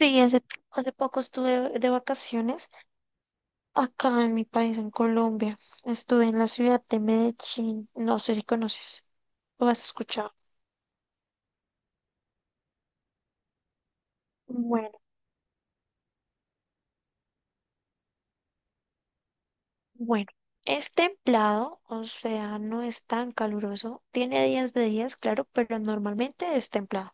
Sí, hace poco estuve de vacaciones acá en mi país, en Colombia. Estuve en la ciudad de Medellín. ¿No sé si conoces o has escuchado? Bueno, bueno. Es templado, o sea, no es tan caluroso. Tiene días de días, claro, pero normalmente es templado.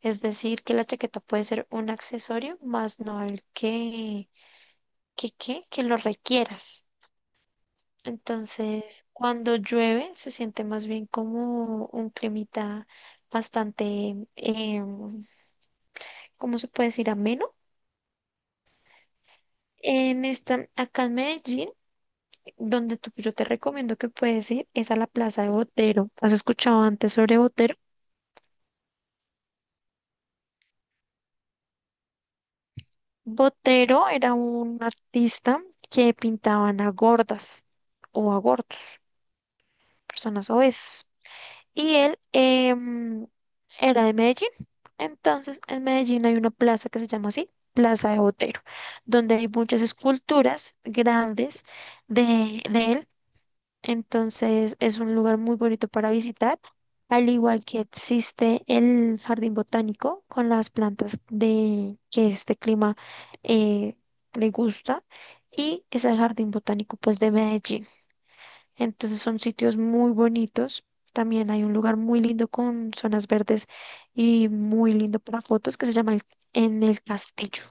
Es decir, que la chaqueta puede ser un accesorio, más no el que lo requieras. Entonces, cuando llueve, se siente más bien como un climita bastante, ¿cómo se puede decir? Ameno. En esta, acá en Medellín, donde tú, yo te recomiendo que puedes ir, es a la Plaza de Botero. ¿Has escuchado antes sobre Botero? Botero era un artista que pintaban a gordas o a gordos, personas obesas. Y él era de Medellín. Entonces, en Medellín hay una plaza que se llama así, Plaza de Botero, donde hay muchas esculturas grandes de él. Entonces, es un lugar muy bonito para visitar, al igual que existe el jardín botánico con las plantas de que este clima eh, le gusta. Y es el jardín botánico pues de Medellín. Entonces son sitios muy bonitos. También hay un lugar muy lindo con zonas verdes y muy lindo para fotos que se llama En el Castillo.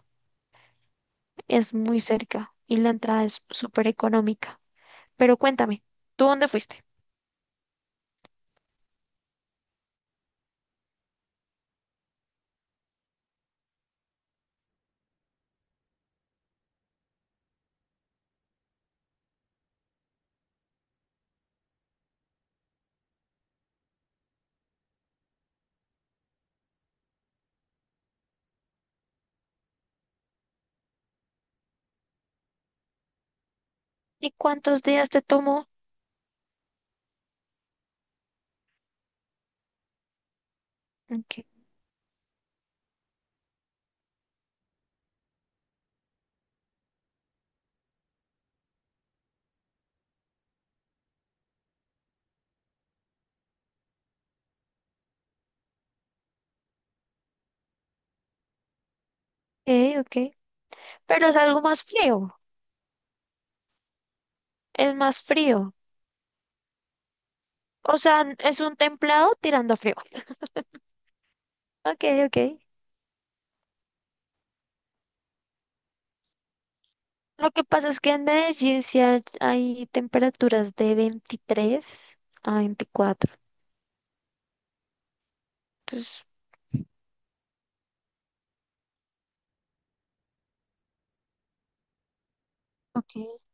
Es muy cerca y la entrada es súper económica. Pero cuéntame, ¿tú dónde fuiste? ¿Y cuántos días te tomó? Ok, ok. Pero es algo más frío, es más frío. O sea, es un templado tirando a frío. Ok, ok. Lo que pasa es que en Medellín sí hay temperaturas de 23 a 24. Pues, ok,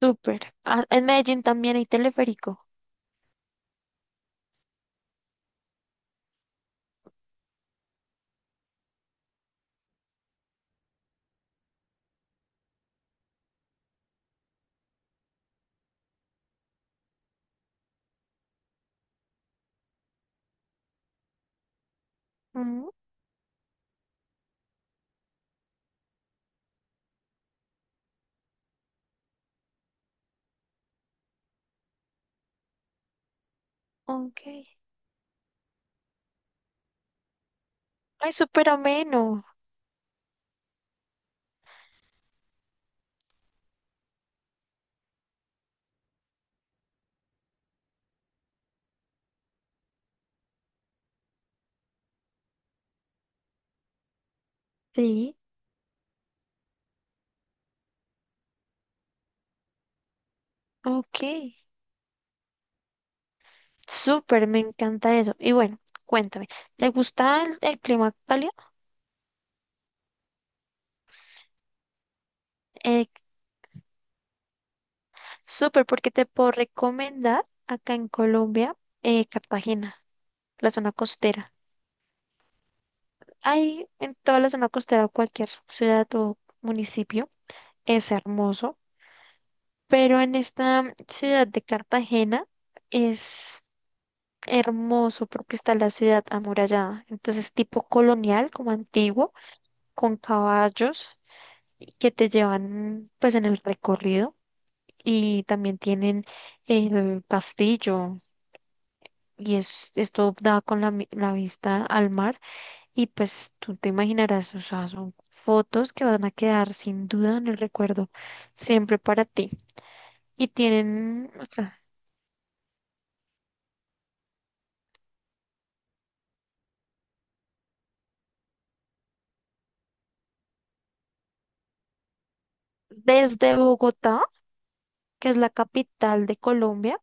súper. Ah, en Medellín también hay teleférico. Mm, ok. Ay, súper ameno. Sí, ok. Súper, me encanta eso. Y bueno, cuéntame, ¿te gusta el clima cálido? Eh, Súper, porque te puedo recomendar acá en Colombia, Cartagena, la zona costera. Hay en toda la zona costera, cualquier ciudad o municipio, es hermoso, pero en esta ciudad de Cartagena es hermoso porque está la ciudad amurallada, entonces tipo colonial, como antiguo, con caballos y que te llevan pues en el recorrido, y también tienen el castillo y es, esto da con la vista al mar, y pues tú te imaginarás, o sea, son fotos que van a quedar sin duda en el recuerdo siempre para ti. Y tienen, o sea, desde Bogotá, que es la capital de Colombia,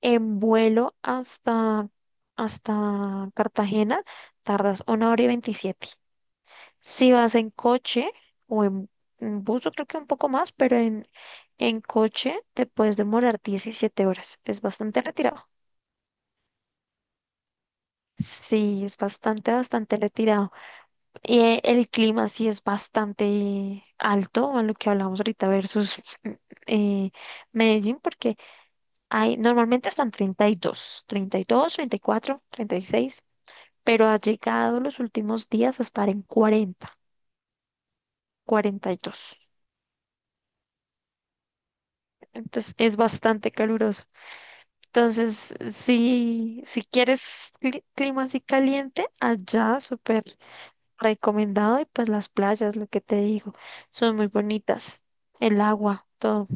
en vuelo hasta Cartagena, tardas una hora y 27. Si vas en coche o en bus, yo creo que un poco más, pero en coche te puedes demorar 17 horas. Es bastante retirado. Sí, es bastante, bastante retirado. Y el clima sí es bastante alto, a lo que hablamos ahorita versus eh, Medellín, porque hay, normalmente están 30, 30, 30 y dos, cuatro, 36, pero ha llegado los últimos días a estar en 40, 42. Entonces es bastante caluroso. Entonces, si quieres clima así caliente, allá súper recomendado, y pues las playas, lo que te digo, son muy bonitas, el agua, todo.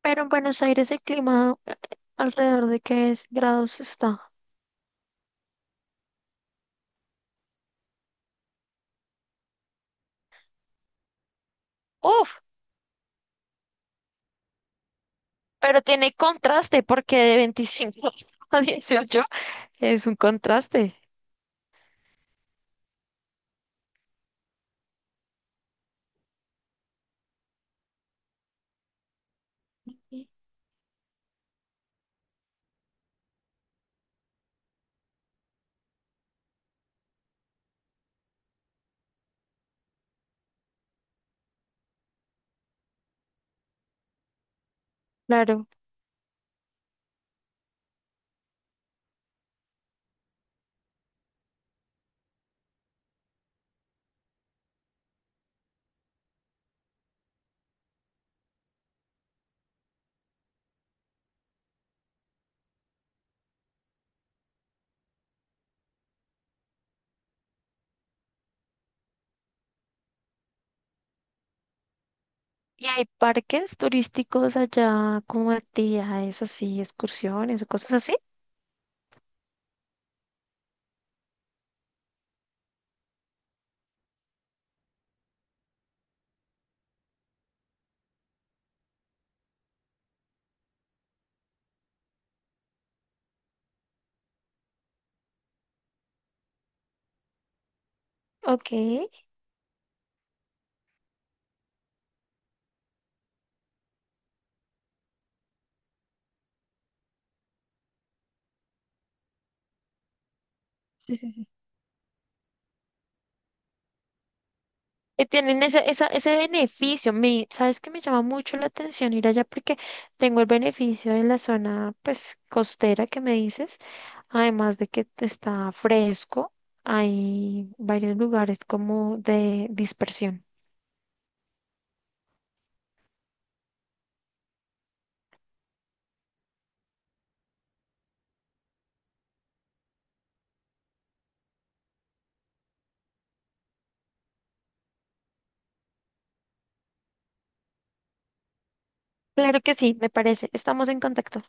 Pero en Buenos Aires el clima alrededor de qué grados está. Uf, pero tiene contraste porque de 25 a 18 es un contraste. Sí. Claro. ¿Y hay parques turísticos allá como actividades así, excursiones o cosas así? Ok. Sí, sí, sí. Eh, tienen ese, ese beneficio. ¿Sabes que me llama mucho la atención ir allá porque tengo el beneficio de la zona, pues, costera que me dices, además de que está fresco, hay varios lugares como de dispersión? Claro que sí, me parece. Estamos en contacto.